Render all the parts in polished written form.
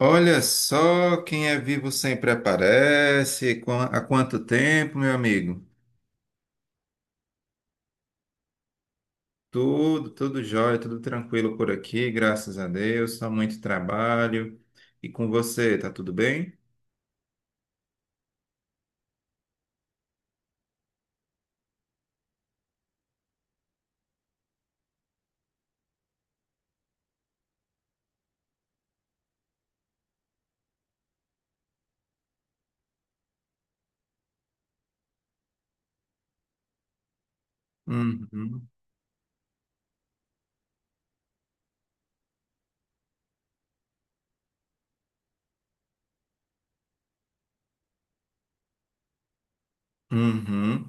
Olha só, quem é vivo sempre aparece. Há quanto tempo, meu amigo? Tudo jóia, tudo tranquilo por aqui, graças a Deus. Só muito trabalho. E com você, tá tudo bem? Uhum. Uhum.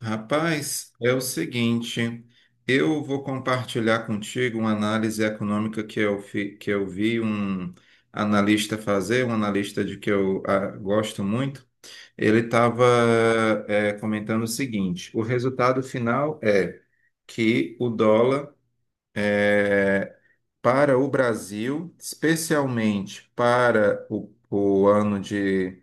Rapaz, é o seguinte, eu, vou compartilhar contigo uma análise econômica que que eu vi um analista fazer, um analista de que eu gosto muito. Ele estava comentando o seguinte: o resultado final é que o dólar eh, para o Brasil, especialmente para o ano de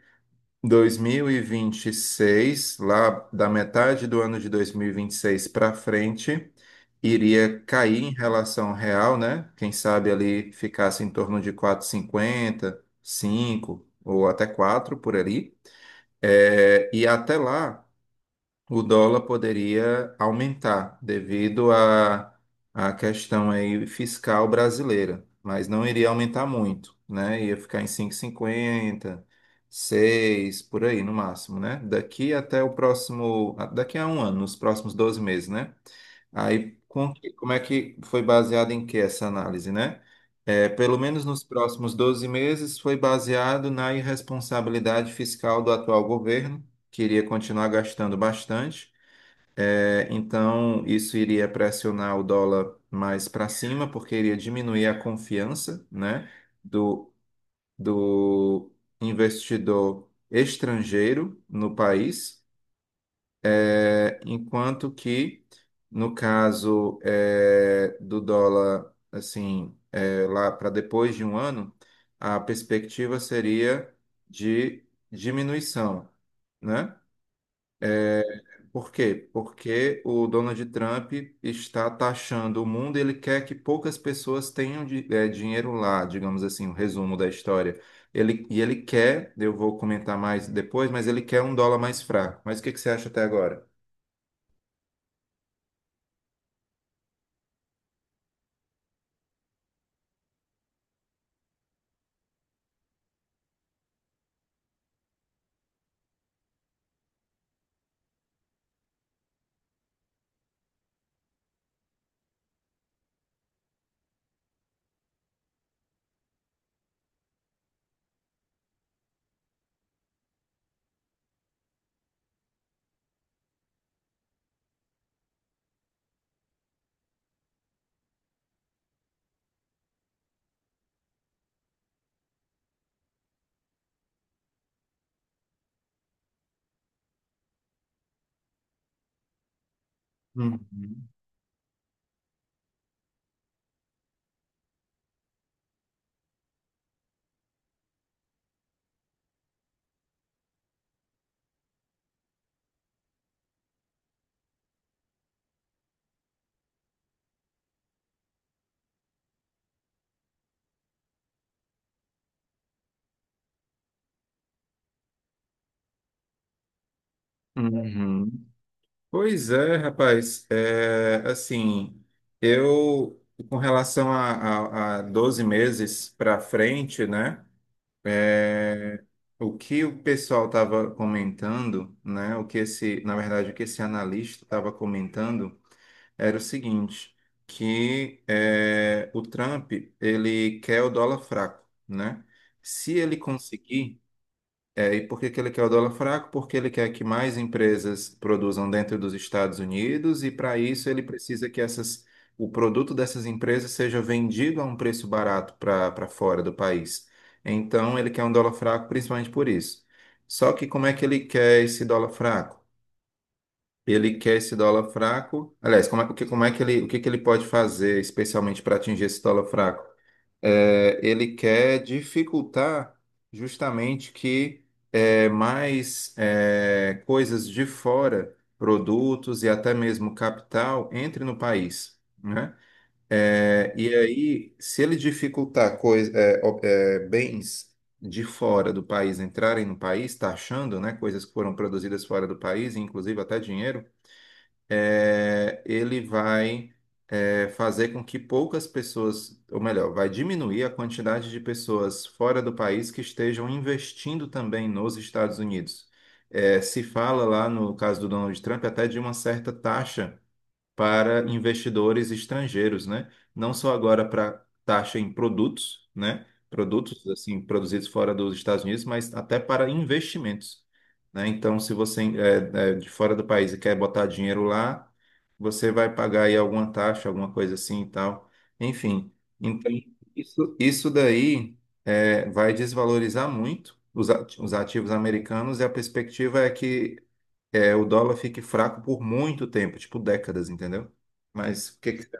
2026, lá da metade do ano de 2026 para frente, iria cair em relação real, né? Quem sabe ali ficasse em torno de 4,50, 5 ou até 4 por ali. É, e até lá o dólar poderia aumentar devido à questão aí fiscal brasileira, mas não iria aumentar muito, né? Ia ficar em cinco, e cinquenta, seis, por aí no máximo, né? Daqui até o próximo, daqui a um ano, nos próximos 12 meses, né? Aí, como é que foi baseado em que essa análise, né? É, pelo menos nos próximos 12 meses, foi baseado na irresponsabilidade fiscal do atual governo, que iria continuar gastando bastante. É, então, isso iria pressionar o dólar mais para cima, porque iria diminuir a confiança, né, do, do investidor estrangeiro no país. É, enquanto que, no caso do dólar, assim, lá para depois de um ano, a perspectiva seria de diminuição, né? Por quê? Porque o Donald Trump está taxando o mundo, e ele quer que poucas pessoas tenham dinheiro lá, digamos assim, o resumo da história. Ele, e ele quer, eu vou comentar mais depois, mas ele quer um dólar mais fraco. Mas o que que você acha até agora? Uhum. Uhum. Pois é, rapaz. É, assim, eu, com relação a 12 meses para frente, né? é, o que o pessoal estava comentando, né? O que esse, na verdade, o que esse analista estava comentando era o seguinte, que é, o Trump, ele quer o dólar fraco, né? Se ele Uhum. conseguir, e por que que ele quer o dólar fraco? Porque ele quer que mais empresas produzam dentro dos Estados Unidos e para isso ele precisa que essas, o produto dessas empresas seja vendido a um preço barato para para fora do país. Então ele quer um dólar fraco principalmente por isso. Só que como é que ele quer esse dólar fraco? Ele quer esse dólar fraco. Aliás, como é, o que, como é que ele, o que que ele pode fazer especialmente para atingir esse dólar fraco? Ele quer dificultar justamente que coisas de fora, produtos e até mesmo capital, entre no país, né? É, e aí, se ele dificultar coisa, bens de fora do país entrarem no país, taxando, né, coisas que foram produzidas fora do país, inclusive até dinheiro, ele vai fazer com que poucas pessoas, ou melhor, vai diminuir a quantidade de pessoas fora do país que estejam investindo também nos Estados Unidos. Se fala lá no caso do Donald Trump até de uma certa taxa para investidores estrangeiros, né? Não só agora para taxa em produtos, né? Produtos assim produzidos fora dos Estados Unidos, mas até para investimentos, né? Então, se você é de fora do país e quer botar dinheiro lá, você vai pagar aí alguma taxa, alguma coisa assim e tal. Enfim, então isso daí vai desvalorizar muito os ativos americanos e a perspectiva é que o dólar fique fraco por muito tempo, tipo décadas, entendeu? Mas o que que você...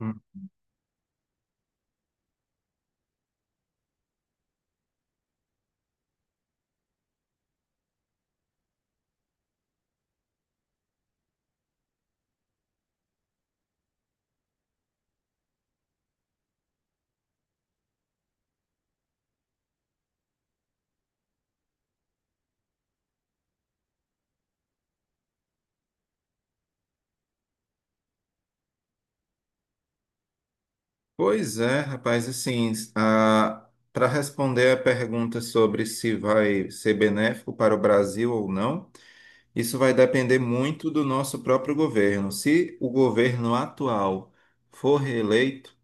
Hum. Pois é, rapaz, assim, para responder a pergunta sobre se vai ser benéfico para o Brasil ou não, isso vai depender muito do nosso próprio governo. Se o governo atual for reeleito,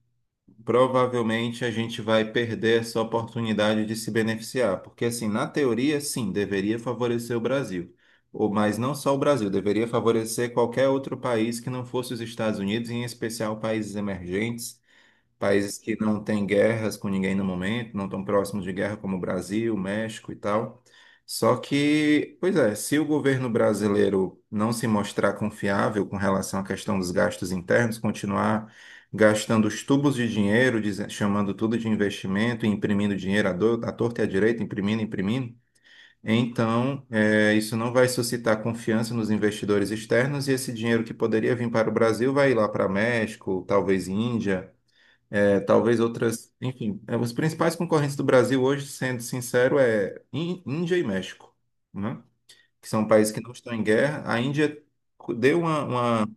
provavelmente a gente vai perder essa oportunidade de se beneficiar, porque assim, na teoria, sim, deveria favorecer o Brasil, ou mas não só o Brasil, deveria favorecer qualquer outro país que não fosse os Estados Unidos, em especial países emergentes. Países que não têm guerras com ninguém no momento, não estão próximos de guerra, como o Brasil, México e tal. Só que, pois é, se o governo brasileiro não se mostrar confiável com relação à questão dos gastos internos, continuar gastando os tubos de dinheiro, chamando tudo de investimento, e imprimindo dinheiro à torta e à direita, imprimindo, imprimindo, então isso não vai suscitar confiança nos investidores externos e esse dinheiro que poderia vir para o Brasil vai ir lá para México, talvez Índia talvez outras, enfim, é, os principais concorrentes do Brasil hoje, sendo sincero, é Índia e México, né? Que são países que não estão em guerra. A Índia deu uma, uma-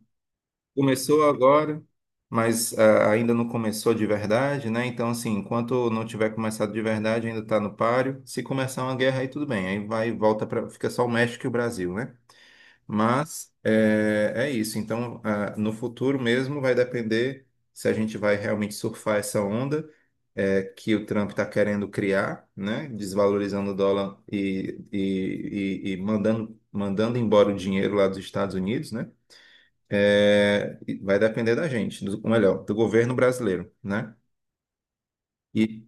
começou agora, mas ainda não começou de verdade, né? Então, assim, enquanto não tiver começado de verdade, ainda está no páreo. Se começar uma guerra, aí tudo bem, aí vai e volta para, fica só o México e o Brasil, né? Mas é, é isso. Então, no futuro mesmo vai depender se a gente vai realmente surfar essa onda que o Trump está querendo criar, né? Desvalorizando o dólar e mandando, mandando embora o dinheiro lá dos Estados Unidos, né? É, e vai depender da gente, do, ou melhor, do governo brasileiro, né? E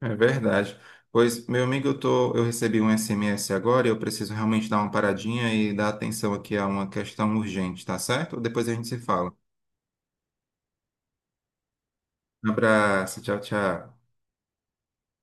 é verdade. Pois, meu amigo, eu recebi um SMS agora e eu preciso realmente dar uma paradinha e dar atenção aqui a uma questão urgente, tá certo? Depois a gente se fala. Um abraço, tchau, tchau.